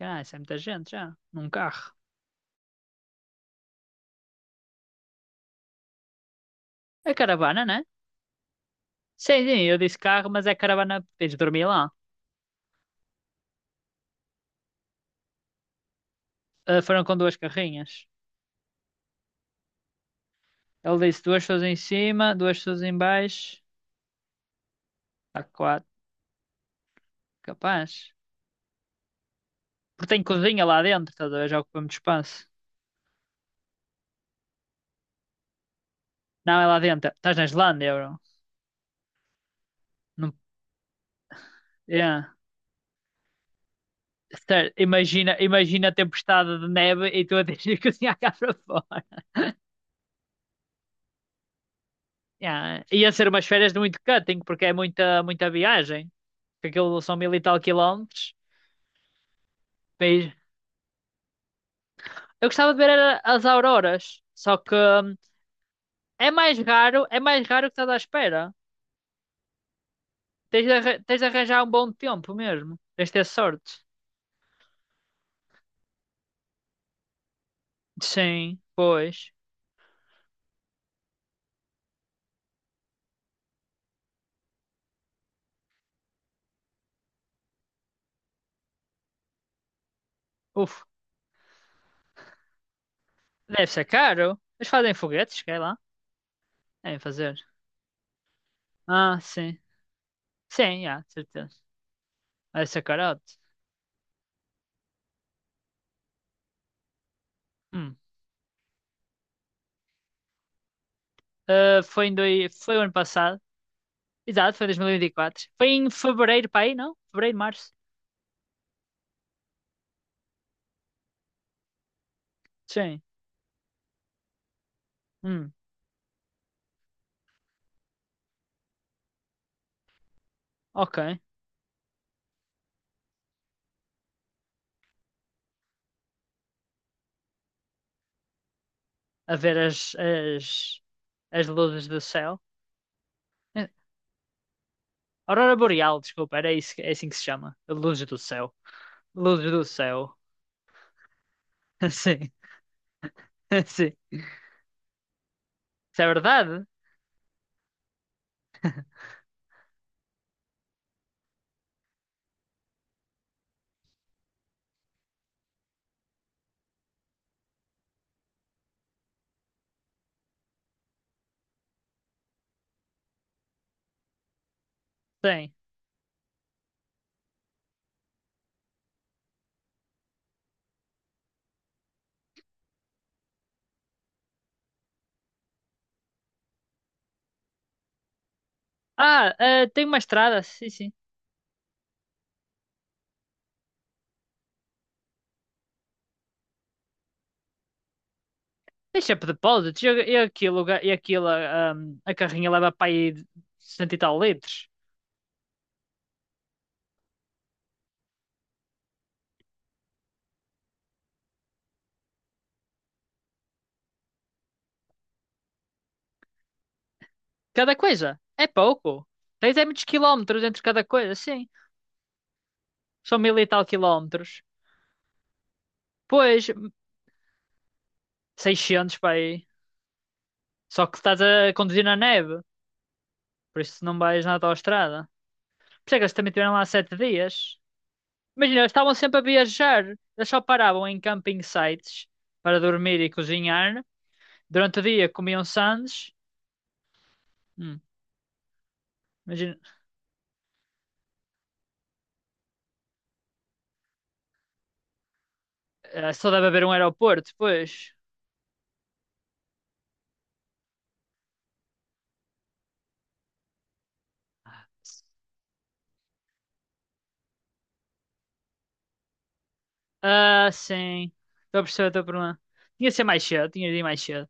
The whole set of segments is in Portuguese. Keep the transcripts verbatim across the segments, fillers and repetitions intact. Ah, isso é muita gente já, num carro. É caravana, né? Sim, sim, eu disse carro, mas é caravana, eles dormiam lá. Ah, foram com duas carrinhas. Ele disse duas pessoas em cima, duas pessoas em baixo. Há quatro, capaz. Porque tem cozinha lá dentro, estás a ver? Já ocupa muito espaço. Não, é lá dentro. Estás na Islândia, bro. Não... É. Sério, imagina, imagina a tempestade de neve e tu a tens de cozinhar cá para fora. Yeah. Ia ser umas férias de muito cutting, porque é muita, muita viagem. Porque aquilo são mil e tal quilómetros. Mas eu gostava de ver era as auroras, só que hum, é mais raro, é mais raro que estás à espera. Tens de, arra- tens de arranjar um bom tempo mesmo. Tens de ter sorte. Sim, pois. Uf, deve ser caro. Eles fazem foguetes, quer lá? Devem fazer. Ah, sim. Sim, já, de certeza. Vai ser carote. Hum. Ah, foi em doi... foi o ano passado. Exato, foi em dois mil e vinte e quatro. Foi em fevereiro, para aí, não? Fevereiro, março. Sim. Hum, ok. A ver as, as, as luzes do céu. Eh, Aurora Boreal, desculpa, era isso, que- é assim que se chama. Luzes do céu. Luzes do céu. Sim, sim. Isso é verdade? Tem. Ah, eh, tem uma estrada, sim, sim. Tem sempre depósitos. E, e aquilo, ga- e aquilo, ah, hum, a carrinha leva para aí cento e tal litros. Cada coisa. É pouco. Tens é muitos quilómetros entre cada coisa, sim. São mil e tal quilómetros. Pois, seiscentos para aí. Só que estás a conduzir na neve. Por isso não vais na à estrada. Por isso é que eles também estiveram lá sete dias. Imagina, eles estavam sempre a viajar. Eles só paravam em camping sites para dormir e cozinhar. Durante o dia comiam sandes. Hum, imagina, eh, só deve haver um aeroporto, depois. Ah, sim. Estou a perceber a tua pergunta. Tinha de ser mais cedo, tinhas de ir mais cedo.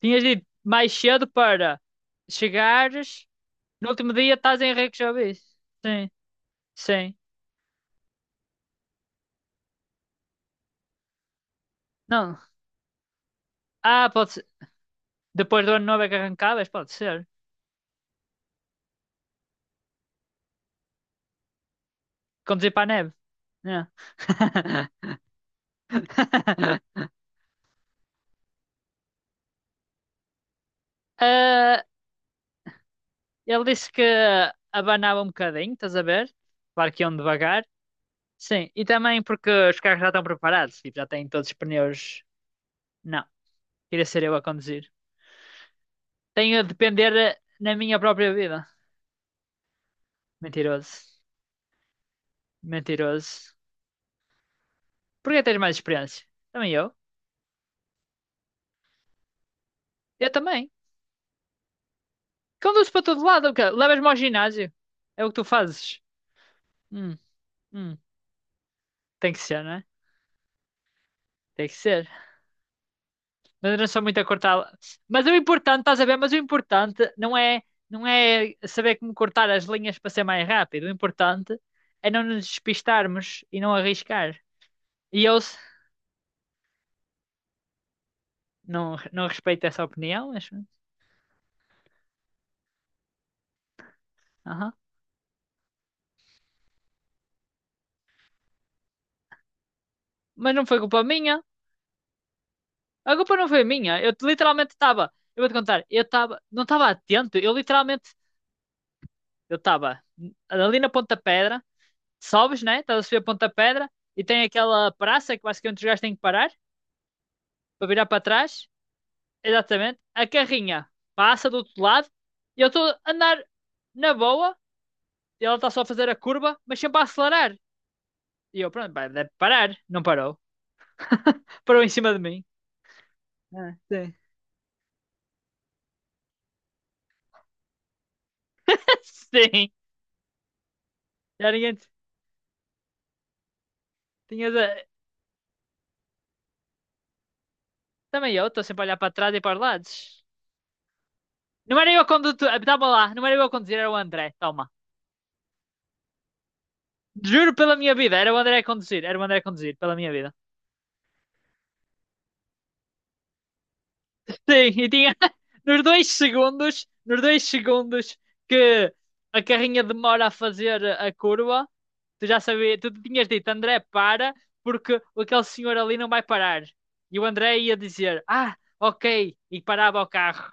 Tinhas de ir mais cedo para chegares. No último dia estás em Reykjavik. Sim, sim. Não. Ah, pode ser. Depois do ano novo é que arrancavas? Pode ser. Conduzir para a neve. É. Ah, ele disse que abanava um bocadinho, estás a ver? Claro que iam devagar. Sim, e também porque os carros já estão preparados, tipo, já têm todos os pneus. Não, queria ser eu a conduzir. Tenho a depender eh, na minha própria vida. Mentiroso. Mentiroso. Porquê tens mais experiência? Também eu. Eu também. Conduzo para todo lado, o quê? Levas-me ao ginásio. É o que tu fazes. Hum, hum. Tem que ser, não é? Tem que ser. Mas eu não sou muito a cortar. Mas o importante, estás a ver? Mas o importante não é, não é saber como cortar as linhas para ser mais rápido. O importante é não nos despistarmos e não arriscar. E eu se- não, não respeito essa opinião, mas. Aham. Mas não foi culpa minha. A culpa não foi minha. Eu literalmente estava. Eu vou te contar. Eu estava. Não estava atento. Eu literalmente. Eu estava ali na Ponta Pedra. Sobes, né? Estás a subir a Ponta Pedra. E tem aquela praça que basicamente os gajos têm que parar para virar para trás. Exatamente. A carrinha passa do outro lado e eu estou a andar na boa. E ela está só a fazer a curva, mas sempre a acelerar. E eu, pronto, pá, deve parar. Não parou. Parou em cima de mim. Ah, sim. Sim. Já ninguém t- tinha. de- Também eu estou sempre a olhar para trás e para os lados. Não era eu a conduzir. Estava lá. Não era eu a conduzir, era o André. Toma. Juro pela minha vida. Era o André a conduzir. Era o André a conduzir. Pela minha vida. Sim, e tinha nos dois segundos, nos dois segundos que a carrinha demora a fazer a curva, tu já sabias, tu tinhas dito, André, para, porque aquele senhor ali não vai parar. E o André ia dizer, ah, ok, e parava o carro.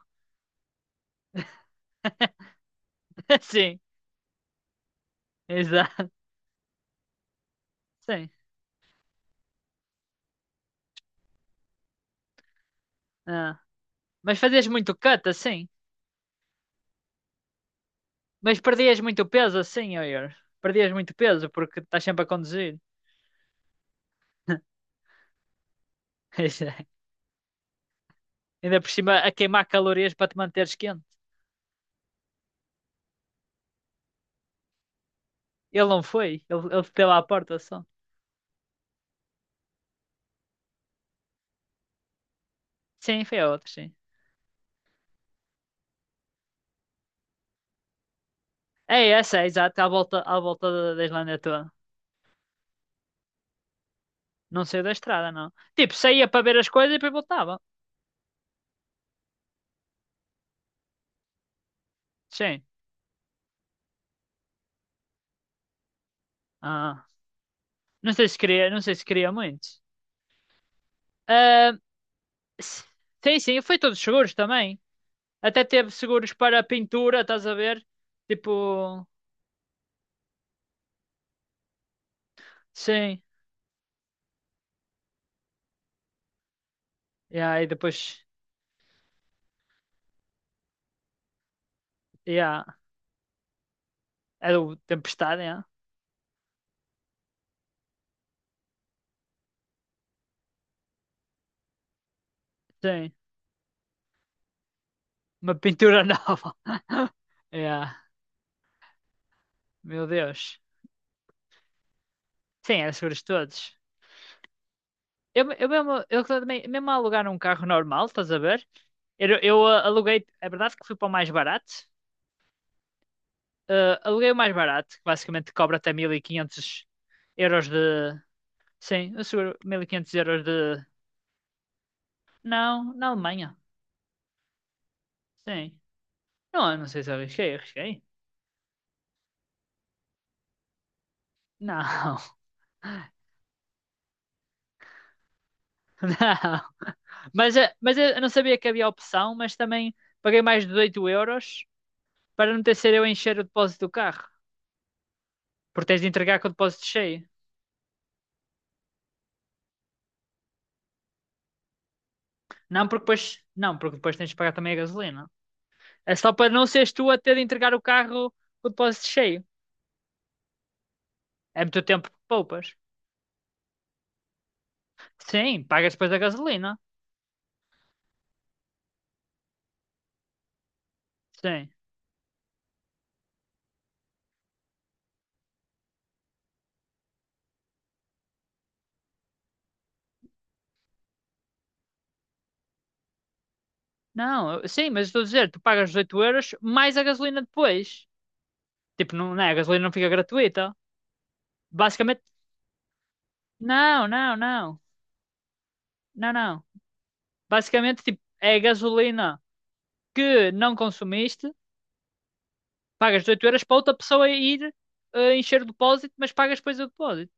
Sim, exato, sim. Ah. Mas fazias muito cut, assim. Mas perdias muito peso, assim, Oyer. Perdias muito peso, porque estás sempre a conduzir. Exato. Ainda por cima, a queimar calorias para te manteres quente. Ele não foi, ele, ele bateu à porta só. Sim, foi a outra, sim. É essa, é exato, à volta, à volta da, da Islândia toda. Não saiu da estrada, não. Tipo, saía para ver as coisas e depois voltava. Sim. Ah, não sei se queria, não sei se queria muito. Ah, s- sim, sim, foi todos seguros também. Até teve seguros para pintura, estás a ver? Tipo, sim. Yeah, e depois, yeah, era o Tempestade, yeah. Sim, uma pintura nova. Yeah, meu Deus. Sim, era seguros todos. Eu, eu mesmo, eu também, mesmo a alugar um carro normal, estás a ver? Eu, eu, ah, aluguei, é verdade que fui para o mais barato. Ah, aluguei o mais barato, que basicamente cobra até mil e quinhentos euros de. Sim, eu seguro mil e quinhentos euros de. Não, na Alemanha. Sim. Não, eu não sei se arrisquei, arrisquei. Não. Não. Mas, eh, mas eu não sabia que havia opção, mas também paguei mais de dezoito euros para não ter sido eu a encher o depósito do carro. Porque tens de entregar com o depósito cheio. Não, porque depois, não, porque depois tens de pagar também a gasolina. É só para não seres tu a ter de entregar o carro com o depósito cheio. É muito tempo que poupas. Sim, pagas depois a gasolina. Sim. Não, eu- sim, mas estou a dizer, tu pagas os oito euros mais a gasolina depois. Tipo, não, não é? A gasolina não fica gratuita. Basicamente, não, não, não. Não, não. Basicamente, tipo, é a gasolina que não consumiste, pagas os oito euros para outra pessoa ir eh, encher o depósito, mas pagas depois o depósito.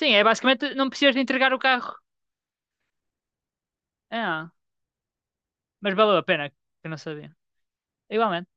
Sim, é basicamente não precisas de entregar o carro. Ah, mas valeu a pena, que eu não sabia. Igualmente.